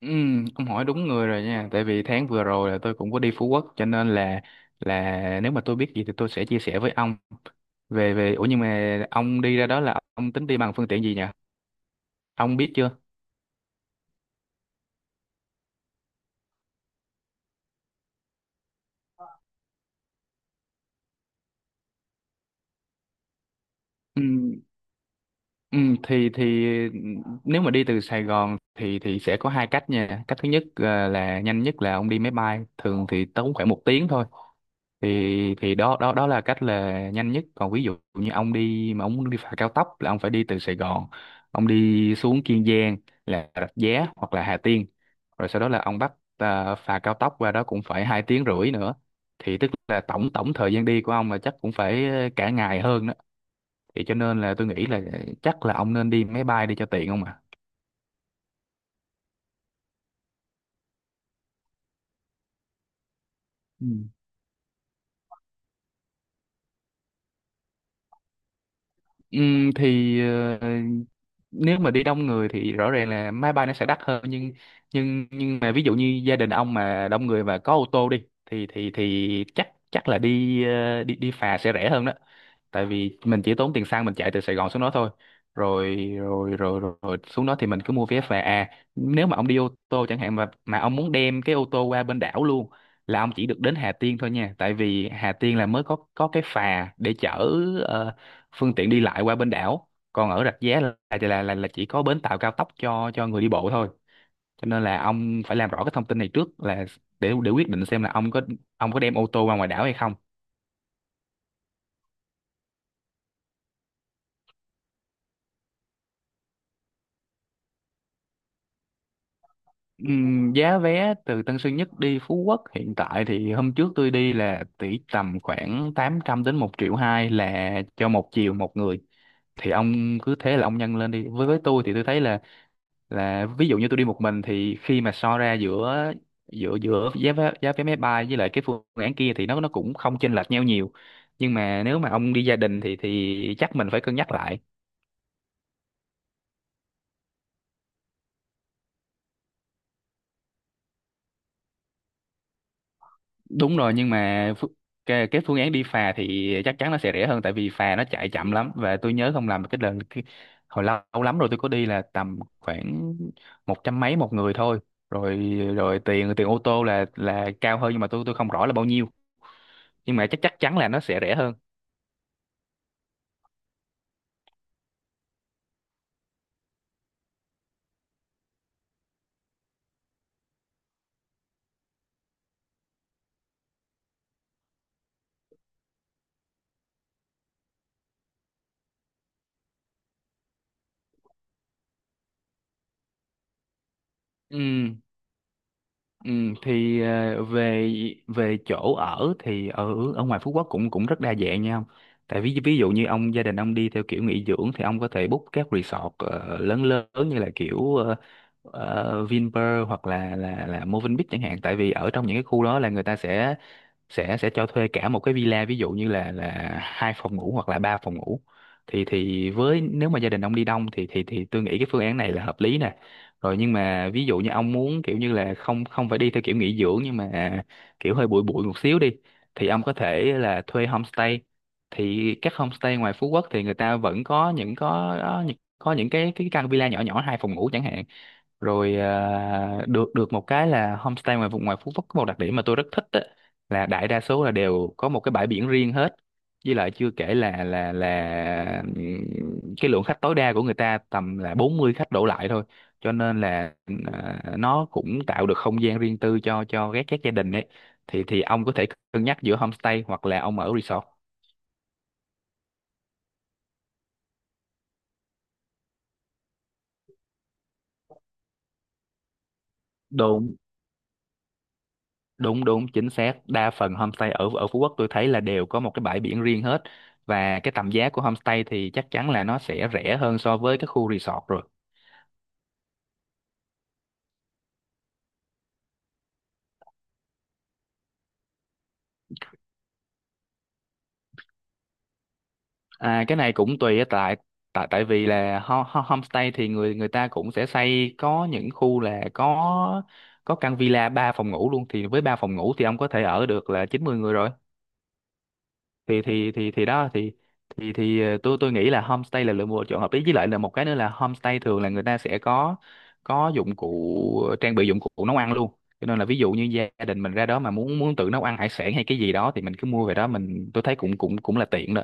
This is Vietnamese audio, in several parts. Ừ, ông hỏi đúng người rồi nha, tại vì tháng vừa rồi là tôi cũng có đi Phú Quốc, cho nên là nếu mà tôi biết gì thì tôi sẽ chia sẻ với ông về về ủa Nhưng mà ông đi ra đó là ông tính đi bằng phương tiện gì nhỉ, ông biết chưa? Ừ, ừ, thì thì nếu mà đi từ Sài Gòn thì sẽ có hai cách nha. Cách thứ nhất, là nhanh nhất, là ông đi máy bay, thường thì tốn khoảng 1 tiếng thôi. Thì thì đó đó đó là cách là nhanh nhất. Còn ví dụ như ông đi mà ông muốn đi phà cao tốc là ông phải đi từ Sài Gòn, ông đi xuống Kiên Giang, là Rạch Giá hoặc là Hà Tiên, rồi sau đó là ông bắt phà cao tốc qua đó cũng phải 2 tiếng rưỡi nữa. Thì tức là tổng tổng thời gian đi của ông là chắc cũng phải cả ngày hơn đó. Thì cho nên là tôi nghĩ là chắc là ông nên đi máy bay đi cho tiện, không ạ? Ừ. Ừm, thì ờ, Nếu mà đi đông người thì rõ ràng là máy bay nó sẽ đắt hơn, nhưng mà ví dụ như gia đình ông mà đông người và có ô tô đi thì chắc chắc là đi ờ, đi đi phà sẽ rẻ hơn đó. Tại vì mình chỉ tốn tiền xăng mình chạy từ Sài Gòn xuống đó thôi, rồi rồi rồi rồi, rồi xuống đó thì mình cứ mua vé về. À, nếu mà ông đi ô tô chẳng hạn, mà ông muốn đem cái ô tô qua bên đảo luôn là ông chỉ được đến Hà Tiên thôi nha, tại vì Hà Tiên là mới có cái phà để chở ờ, phương tiện đi lại qua bên đảo. Còn ở Rạch Giá là chỉ có bến tàu cao tốc cho người đi bộ thôi. Cho nên là ông phải làm rõ cái thông tin này trước, là để quyết định xem là ông có đem ô tô qua ngoài đảo hay không. Giá vé từ Tân Sơn Nhất đi Phú Quốc hiện tại thì hôm trước tôi đi là tỷ tầm khoảng 800 đến 1 triệu 2 là cho một chiều một người. Thì ông cứ thế là ông nhân lên đi. Với tôi thì tôi thấy là ví dụ như tôi đi một mình thì khi mà so ra giữa giữa giữa giá vé máy bay với lại cái phương án kia thì nó cũng không chênh lệch nhau nhiều. Nhưng mà nếu mà ông đi gia đình thì chắc mình phải cân nhắc lại. Đúng rồi. Nhưng mà cái phương án đi phà thì chắc chắn nó sẽ rẻ hơn, tại vì phà nó chạy chậm lắm. Và tôi nhớ không làm cái lần cái, hồi lâu, lâu lắm rồi tôi có đi là tầm khoảng 100 mấy một người thôi. Rồi rồi tiền tiền ô tô là cao hơn, nhưng mà tôi không rõ là bao nhiêu. Nhưng mà chắc chắc chắn là nó sẽ rẻ hơn. Ừ. Ừ, thì ờ, về Về chỗ ở thì ở ở ngoài Phú Quốc cũng cũng rất đa dạng nha ông. Tại ví ví dụ như ông, gia đình ông đi theo kiểu nghỉ dưỡng thì ông có thể book các resort lớn lớn như là kiểu Vinpearl hoặc là Movenpick chẳng hạn. Tại vì ở trong những cái khu đó là người ta sẽ cho thuê cả một cái villa, ví dụ như là hai phòng ngủ hoặc là ba phòng ngủ. Thì với nếu mà gia đình ông đi đông thì tôi nghĩ cái phương án này là hợp lý nè. Rồi nhưng mà ví dụ như ông muốn kiểu như là không không phải đi theo kiểu nghỉ dưỡng, nhưng mà kiểu hơi bụi bụi một xíu đi, thì ông có thể là thuê homestay. Thì các homestay ngoài Phú Quốc thì người ta vẫn có những, có những cái căn villa nhỏ nhỏ hai phòng ngủ chẳng hạn. Rồi, à, được được một cái là homestay ngoài vùng ngoài Phú Quốc có một đặc điểm mà tôi rất thích á, là đại đa số là đều có một cái bãi biển riêng hết. Với lại chưa kể là cái lượng khách tối đa của người ta tầm là 40 khách đổ lại thôi. Cho nên là nó cũng tạo được không gian riêng tư cho các gia đình ấy. Thì ông có thể cân nhắc giữa homestay hoặc là ông ở resort. Đúng. Đúng, đúng, chính xác. Đa phần homestay ở ở Phú Quốc tôi thấy là đều có một cái bãi biển riêng hết, và cái tầm giá của homestay thì chắc chắn là nó sẽ rẻ hơn so với cái khu resort rồi. À, cái này cũng tùy á, tại tại tại vì là homestay thì người người ta cũng sẽ xây, có những khu là có căn villa 3 phòng ngủ luôn, thì với 3 phòng ngủ thì ông có thể ở được là 90 người rồi. Thì thì thì thì đó thì thì thì tôi nghĩ là homestay là một lựa chọn hợp lý. Với lại là một cái nữa là homestay thường là người ta sẽ có dụng cụ, trang bị dụng cụ nấu ăn luôn. Cho nên là ví dụ như gia đình mình ra đó mà muốn muốn tự nấu ăn hải sản hay cái gì đó thì mình cứ mua về đó mình, tôi thấy cũng cũng cũng là tiện đó.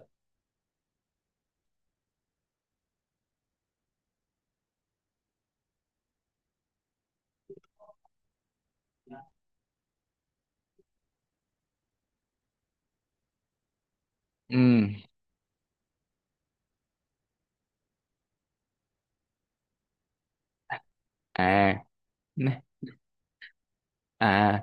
Ừ. à n- à,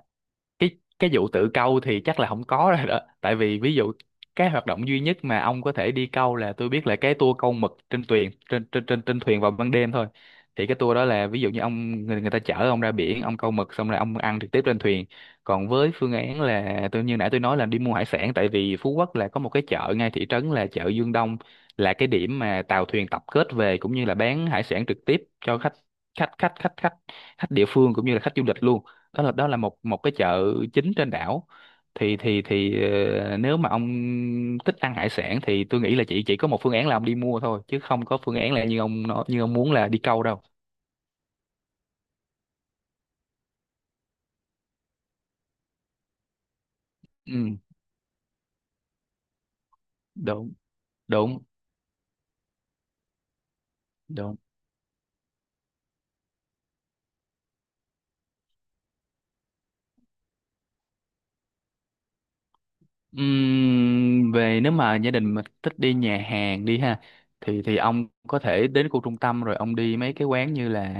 cái vụ tự câu thì chắc là không có rồi đó tại vì ví dụ, cái hoạt động duy nhất mà ông có thể đi câu là tôi biết là cái tour câu mực trên thuyền, trên trên trên trên thuyền vào ban đêm thôi. Thì cái tour đó là ví dụ như ông, người ta chở ông ra biển, ông câu mực xong rồi ông ăn trực tiếp trên thuyền. Còn với phương án là tôi như nãy tôi nói là đi mua hải sản, tại vì Phú Quốc là có một cái chợ ngay thị trấn là chợ Dương Đông, là cái điểm mà tàu thuyền tập kết về cũng như là bán hải sản trực tiếp cho khách, khách khách khách khách khách địa phương cũng như là khách du lịch luôn. Đó là một một cái chợ chính trên đảo. thì thì thì Nếu mà ông thích ăn hải sản thì tôi nghĩ là chỉ có một phương án là ông đi mua thôi, chứ không có phương án là như ông nói, như ông muốn là đi câu đâu. Ừ. Đúng, đúng, đúng. Nếu mà gia đình mà thích đi nhà hàng đi ha, thì ông có thể đến khu trung tâm rồi ông đi mấy cái quán như là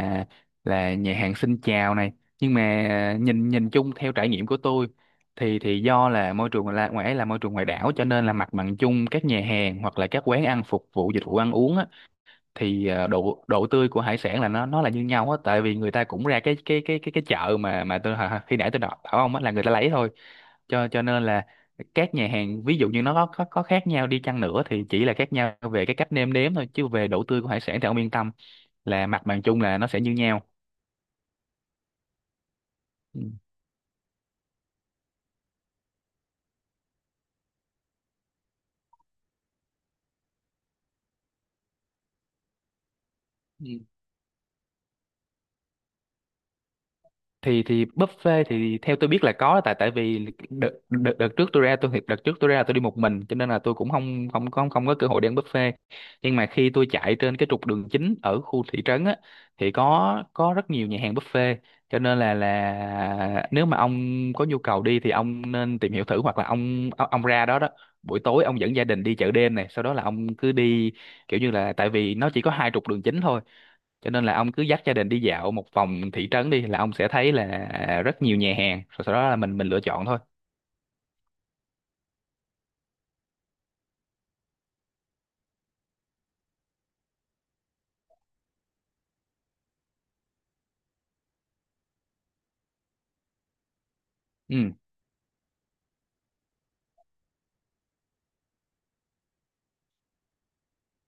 là nhà hàng Xin Chào này. Nhưng mà nhìn nhìn chung theo trải nghiệm của tôi thì do là môi trường là ngoài ấy là môi trường ngoài đảo, cho nên là mặt bằng chung các nhà hàng hoặc là các quán ăn phục vụ dịch vụ ăn uống á, thì ờ, độ độ tươi của hải sản là nó là như nhau á. Tại vì người ta cũng ra cái chợ mà tôi khi nãy tôi đọc bảo ông á là người ta lấy thôi. Cho Cho nên là các nhà hàng ví dụ như nó có, có khác nhau đi chăng nữa thì chỉ là khác nhau về cái cách nêm nếm thôi, chứ về độ tươi của hải sản thì ông yên tâm là mặt bằng chung là nó sẽ như nhau. Ừ. Thì buffet thì theo tôi biết là có, tại tại vì đợt trước tôi ra, tôi thiệt đợt trước tôi ra là tôi đi một mình, cho nên là tôi cũng không không không không có cơ hội đi ăn buffet. Nhưng mà khi tôi chạy trên cái trục đường chính ở khu thị trấn á, thì có rất nhiều nhà hàng buffet, cho nên là nếu mà ông có nhu cầu đi thì ông nên tìm hiểu thử, hoặc là ông ra đó đó buổi tối, ông dẫn gia đình đi chợ đêm này, sau đó là ông cứ đi. Kiểu như là tại vì nó chỉ có hai trục đường chính thôi, cho nên là ông cứ dắt gia đình đi dạo một vòng thị trấn đi là ông sẽ thấy là rất nhiều nhà hàng, rồi sau đó là mình lựa chọn thôi. Ừ.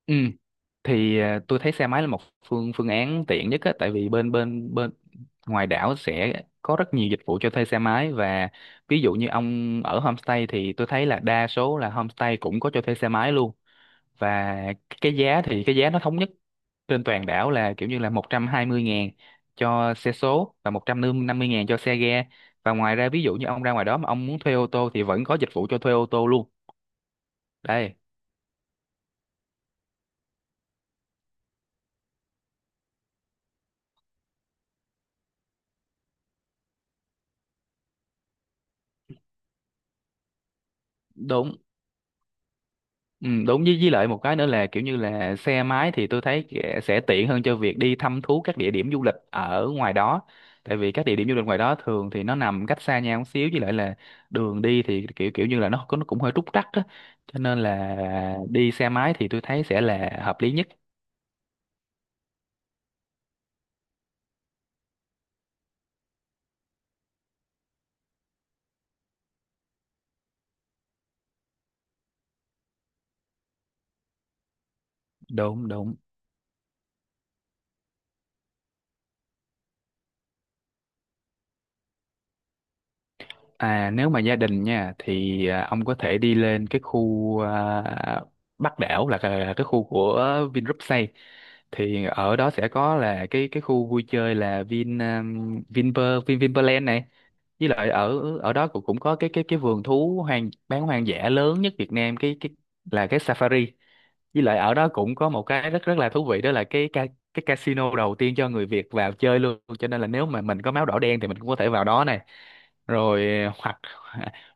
Ừ. Thì tôi thấy xe máy là một phương phương án tiện nhất á, tại vì bên bên bên ngoài đảo sẽ có rất nhiều dịch vụ cho thuê xe máy. Và ví dụ như ông ở homestay thì tôi thấy là đa số là homestay cũng có cho thuê xe máy luôn. Và cái giá nó thống nhất trên toàn đảo là kiểu như là 120.000 cho xe số và 150.000 cho xe ga. Và ngoài ra ví dụ như ông ra ngoài đó mà ông muốn thuê ô tô thì vẫn có dịch vụ cho thuê ô tô luôn đây. Đúng. Ừ, đúng. Với lại một cái nữa là kiểu như là xe máy thì tôi thấy sẽ tiện hơn cho việc đi thăm thú các địa điểm du lịch ở ngoài đó. Tại vì các địa điểm du lịch ngoài đó thường thì nó nằm cách xa nhau một xíu, với lại là đường đi thì kiểu kiểu như là nó cũng hơi trúc trắc á, cho nên là đi xe máy thì tôi thấy sẽ là hợp lý nhất. Đúng đúng. À, nếu mà gia đình nha thì ông có thể đi lên cái khu Bắc đảo, là cái cái khu của Vingroup xây. Thì ở đó sẽ có là cái khu vui chơi là Vinpearland này. Với lại ở ở đó cũng cũng có cái vườn thú hoang bán hoang dã lớn nhất Việt Nam, cái là cái Safari. Với lại ở đó cũng có một cái rất rất là thú vị đó là cái casino đầu tiên cho người Việt vào chơi luôn, cho nên là nếu mà mình có máu đỏ đen thì mình cũng có thể vào đó này. Rồi. Hoặc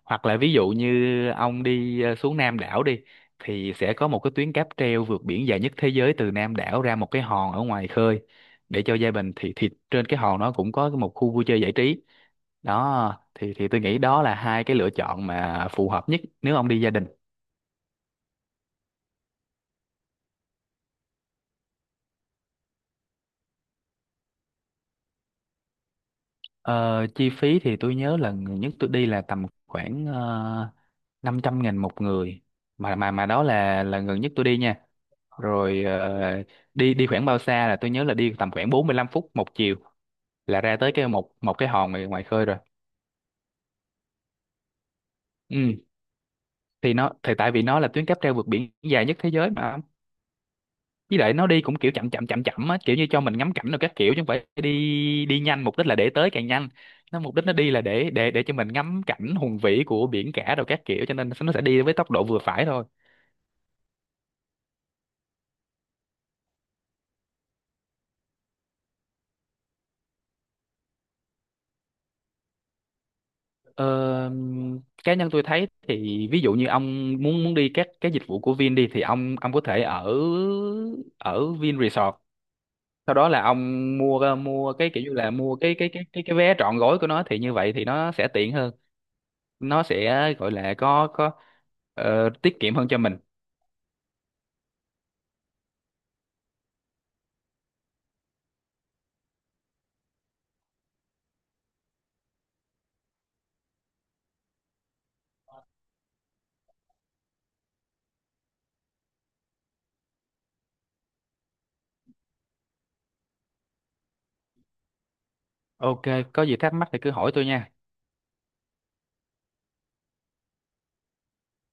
Hoặc là ví dụ như ông đi xuống Nam đảo đi, thì sẽ có một cái tuyến cáp treo vượt biển dài nhất thế giới từ Nam đảo ra một cái hòn ở ngoài khơi để cho gia đình. Thì trên cái hòn nó cũng có một khu vui chơi giải trí. Đó thì tôi nghĩ đó là hai cái lựa chọn mà phù hợp nhất nếu ông đi gia đình. Ờ, chi phí thì tôi nhớ là người nhất tôi đi là tầm khoảng 500.000 một người, mà mà đó là gần nhất tôi đi nha. Rồi ờ, đi đi khoảng bao xa là tôi nhớ là đi tầm khoảng 45 phút một chiều là ra tới cái một một cái hòn ngoài khơi rồi. Ừ. Thì nó tại vì nó là tuyến cáp treo vượt biển dài nhất thế giới mà. Với lại nó đi cũng kiểu chậm chậm á, kiểu như cho mình ngắm cảnh rồi các kiểu, chứ không phải đi đi nhanh mục đích là để tới càng nhanh. Nó mục đích nó đi là để cho mình ngắm cảnh hùng vĩ của biển cả rồi các kiểu, cho nên nó sẽ đi với tốc độ vừa phải thôi. Ờ, cá nhân tôi thấy thì ví dụ như ông muốn muốn đi các cái dịch vụ của Vin đi thì ông có thể ở ở Vin Resort, sau đó là ông mua mua cái kiểu như là mua cái vé trọn gói của nó, thì như vậy thì nó sẽ tiện hơn. Nó sẽ gọi là có ờ, tiết kiệm hơn cho mình. OK, có gì thắc mắc thì cứ hỏi tôi nha.